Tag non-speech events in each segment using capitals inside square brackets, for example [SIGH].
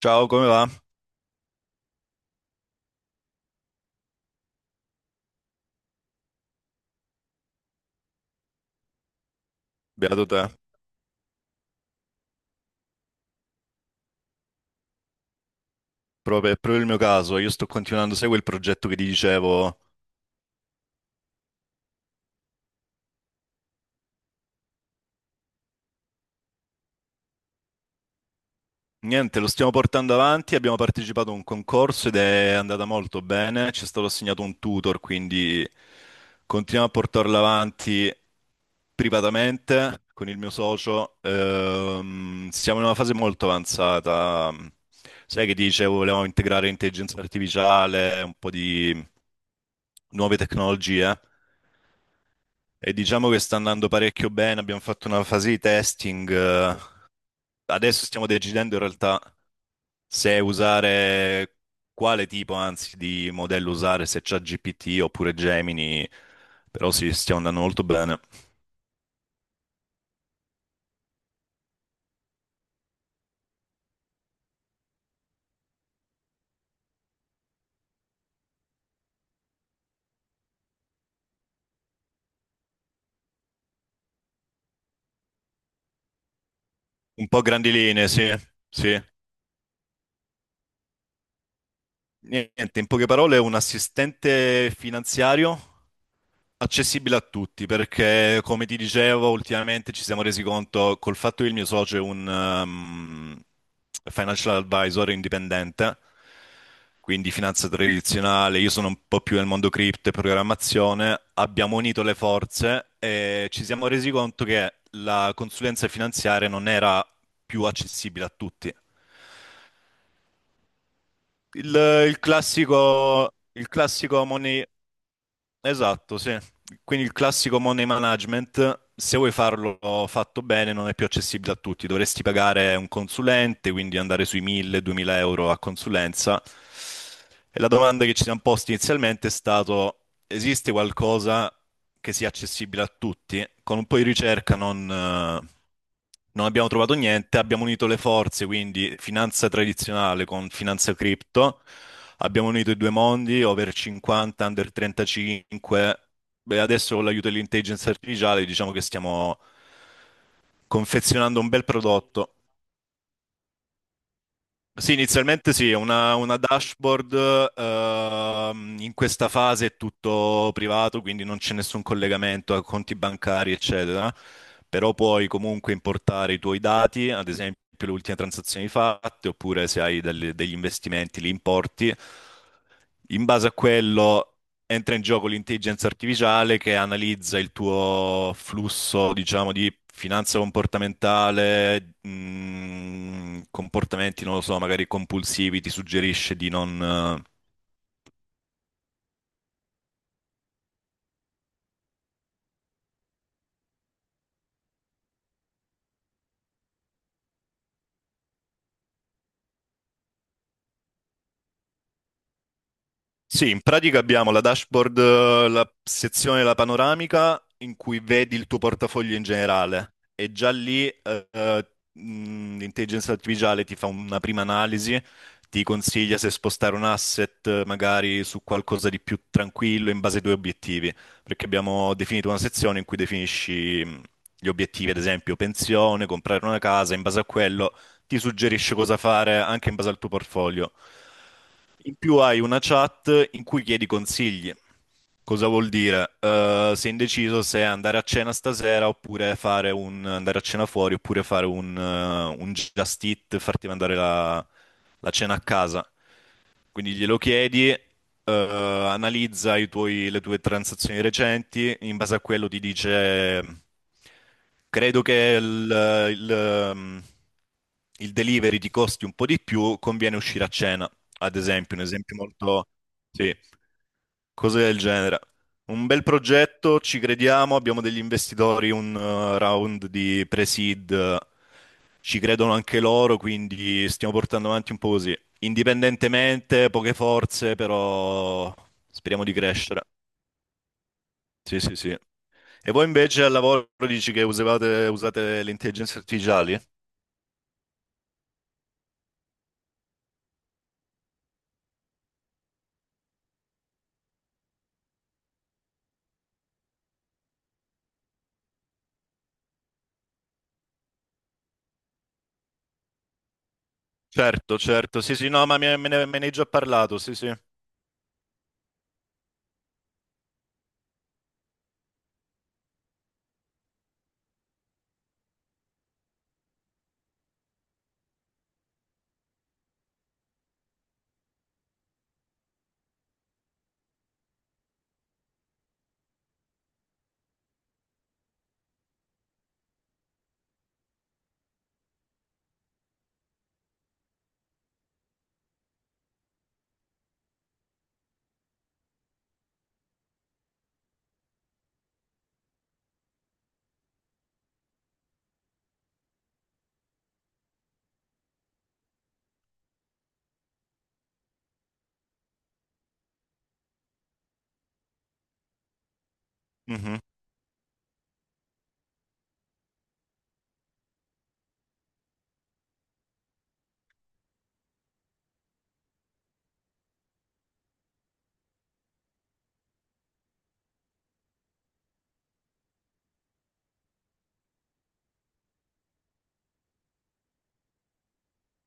Ciao, come va? Beato te. Proprio, è proprio il mio caso. Io sto continuando, sai quel progetto che ti dicevo? Niente, lo stiamo portando avanti. Abbiamo partecipato a un concorso ed è andata molto bene. Ci è stato assegnato un tutor, quindi continuiamo a portarlo avanti privatamente con il mio socio. Siamo in una fase molto avanzata. Sai che ti dicevo, volevamo integrare intelligenza artificiale, un po' di nuove tecnologie. E diciamo che sta andando parecchio bene, abbiamo fatto una fase di testing. Adesso stiamo decidendo in realtà se usare quale tipo, anzi, di modello usare, se c'è GPT oppure Gemini, però sì, stiamo andando molto bene. Un po' grandi linee, sì, sì. Niente, in poche parole, è un assistente finanziario accessibile a tutti perché, come ti dicevo, ultimamente ci siamo resi conto col fatto che il mio socio è un financial advisor indipendente, quindi finanza tradizionale, io sono un po' più nel mondo cripto e programmazione, abbiamo unito le forze e ci siamo resi conto che la consulenza finanziaria non era più accessibile a tutti. Il, il classico, il classico money. Esatto, sì. Quindi il classico money management, se vuoi farlo fatto bene, non è più accessibile a tutti. Dovresti pagare un consulente, quindi andare sui 1.000-2.000 euro a consulenza. E la domanda che ci siamo posti inizialmente è stato, esiste qualcosa che sia accessibile a tutti? Con un po' di ricerca non abbiamo trovato niente, abbiamo unito le forze, quindi finanza tradizionale con finanza cripto, abbiamo unito i due mondi, over 50, under 35. Beh, adesso con l'aiuto dell'intelligenza artificiale diciamo che stiamo confezionando un bel prodotto. Sì, inizialmente sì, è una dashboard, in questa fase è tutto privato, quindi non c'è nessun collegamento a conti bancari, eccetera, però puoi comunque importare i tuoi dati, ad esempio le ultime transazioni fatte, oppure se hai degli investimenti li importi. In base a quello entra in gioco l'intelligenza artificiale che analizza il tuo flusso, diciamo, di finanza comportamentale, comportamenti, non lo so, magari compulsivi, ti suggerisce di non. Sì, in pratica abbiamo la dashboard, la sezione della panoramica in cui vedi il tuo portafoglio in generale e già lì l'intelligenza artificiale ti fa una prima analisi, ti consiglia se spostare un asset magari su qualcosa di più tranquillo in base ai tuoi obiettivi, perché abbiamo definito una sezione in cui definisci gli obiettivi, ad esempio pensione, comprare una casa, in base a quello ti suggerisce cosa fare anche in base al tuo portfolio. In più hai una chat in cui chiedi consigli. Cosa vuol dire? Sei indeciso se andare a cena stasera oppure andare a cena fuori oppure fare un just eat, farti mandare la cena a casa. Quindi glielo chiedi, analizza le tue transazioni recenti, in base a quello ti dice, credo che il delivery ti costi un po' di più, conviene uscire a cena, ad esempio, un esempio molto. Sì, cose del genere. Un bel progetto, ci crediamo, abbiamo degli investitori, un round di pre-seed, ci credono anche loro, quindi stiamo portando avanti un po' così. Indipendentemente, poche forze, però speriamo di crescere. Sì, sì, sì. E voi invece al lavoro dici che usate le intelligenze artificiali? Certo, certo, sì, sì, no, ma me ne hai già parlato, sì, sì. Mhm.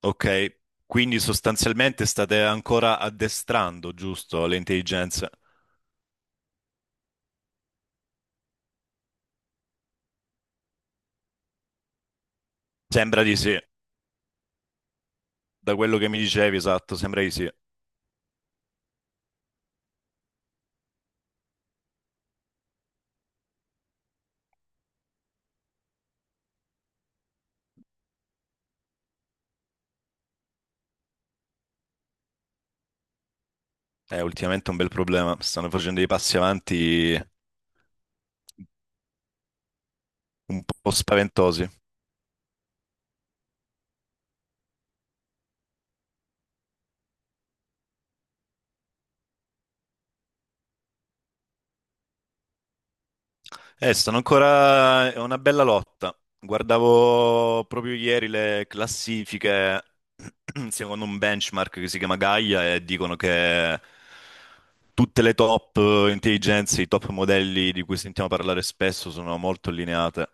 Ok, quindi sostanzialmente state ancora addestrando, giusto, le intelligenze? Sembra di sì, da quello che mi dicevi, esatto, sembra di sì. È ultimamente un bel problema, stanno facendo dei passi avanti un po' spaventosi. Stanno ancora, è una bella lotta. Guardavo proprio ieri le classifiche, [CLEARS THROAT] secondo un benchmark che si chiama Gaia, e dicono che tutte le top intelligenze, i top modelli di cui sentiamo parlare spesso sono molto allineate.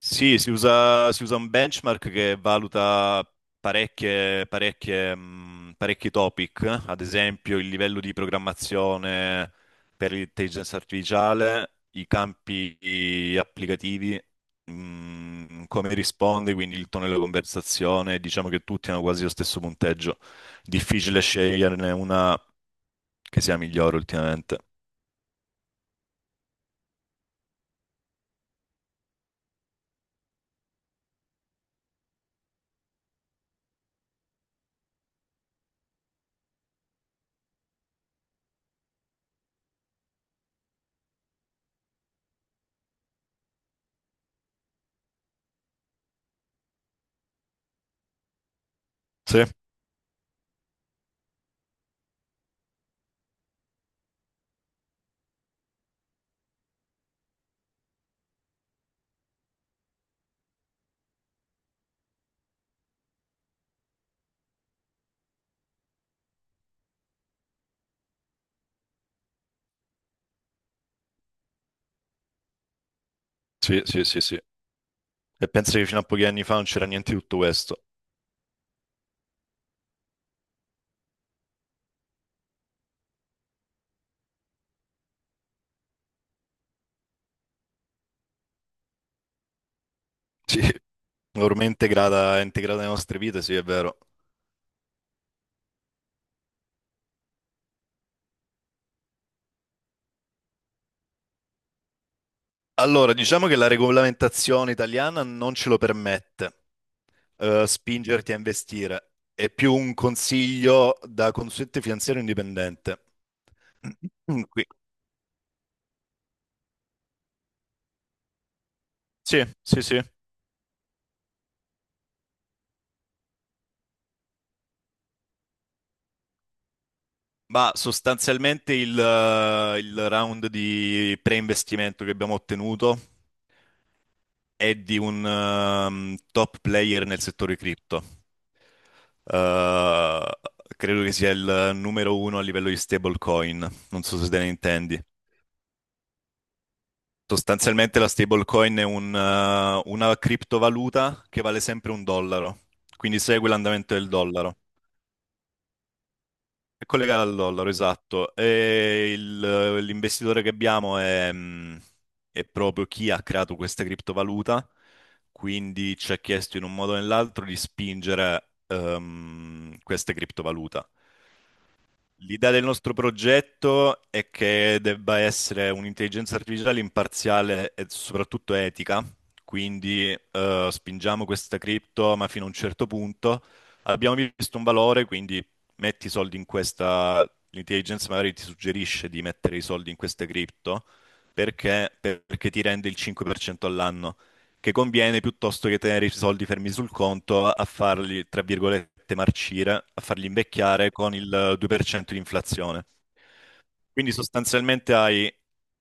Sì, si usa un benchmark che valuta parecchi topic, ad esempio il livello di programmazione per l'intelligenza artificiale, i campi applicativi, come risponde, quindi il tono della conversazione, diciamo che tutti hanno quasi lo stesso punteggio. Difficile sceglierne una che sia migliore ultimamente. Sì, sì, sì, sì, sì. E penso che fino a pochi anni fa non c'era niente di tutto questo. Sì. Ormai è ormai integrata, è integrata nelle nostre vite, sì, è vero. Allora, diciamo che la regolamentazione italiana non ce lo permette, spingerti a investire. È più un consiglio da consulente finanziario indipendente. [CLEARS THROAT] Mm, qui. Sì, sì, sì. Ma sostanzialmente il round di pre-investimento che abbiamo ottenuto è di un top player nel settore cripto. Eh, credo che sia il numero uno a livello di stablecoin. Non so se te ne intendi. Sostanzialmente la stablecoin è una criptovaluta che vale sempre un dollaro, quindi segue l'andamento del dollaro. È collegata al dollaro, esatto. E l'investitore che abbiamo è proprio chi ha creato questa criptovaluta, quindi ci ha chiesto in un modo o nell'altro di spingere questa criptovaluta. L'idea del nostro progetto è che debba essere un'intelligenza artificiale imparziale e soprattutto etica, quindi spingiamo questa cripto, ma fino a un certo punto abbiamo visto un valore, quindi metti i soldi in questa, l'intelligenza magari ti suggerisce di mettere i soldi in questa cripto perché ti rende il 5% all'anno che conviene piuttosto che tenere i soldi fermi sul conto a farli, tra virgolette, marcire, a farli invecchiare con il 2% di inflazione. Quindi sostanzialmente hai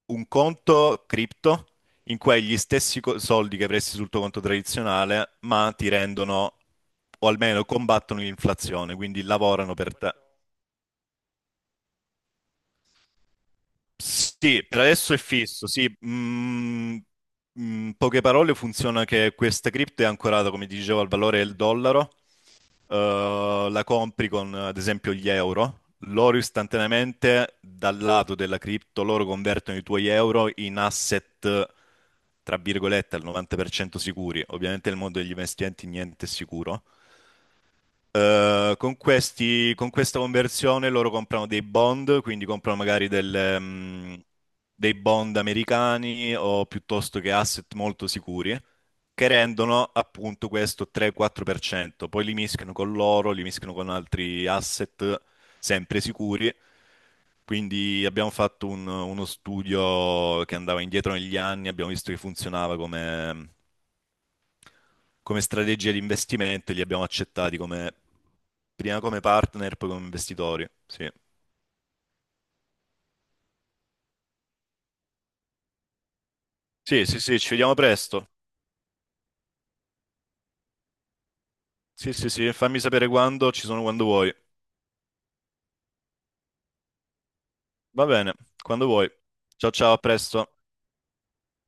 un conto cripto in cui hai gli stessi soldi che avresti sul tuo conto tradizionale, ma ti rendono, o almeno combattono l'inflazione, quindi lavorano per te. Sì, per adesso è fisso, sì. In poche parole funziona che questa cripto è ancorata, come ti dicevo, al valore del dollaro, la compri con ad esempio gli euro, loro istantaneamente dal lato della cripto, loro convertono i tuoi euro in asset, tra virgolette, al 90% sicuri. Ovviamente nel mondo degli investimenti niente è sicuro. Con questa conversione loro comprano dei bond, quindi comprano magari dei bond americani o piuttosto che asset molto sicuri, che rendono appunto questo 3-4%. Poi li mischiano con l'oro, li mischiano con altri asset sempre sicuri. Quindi abbiamo fatto uno studio che andava indietro negli anni, abbiamo visto che funzionava come strategia di investimento e li abbiamo accettati come prima come partner, poi come investitori. Sì. Sì, sì, sì, ci vediamo presto. Sì, sì, sì, fammi sapere quando, ci sono quando vuoi. Va bene, quando vuoi. Ciao, ciao, a presto.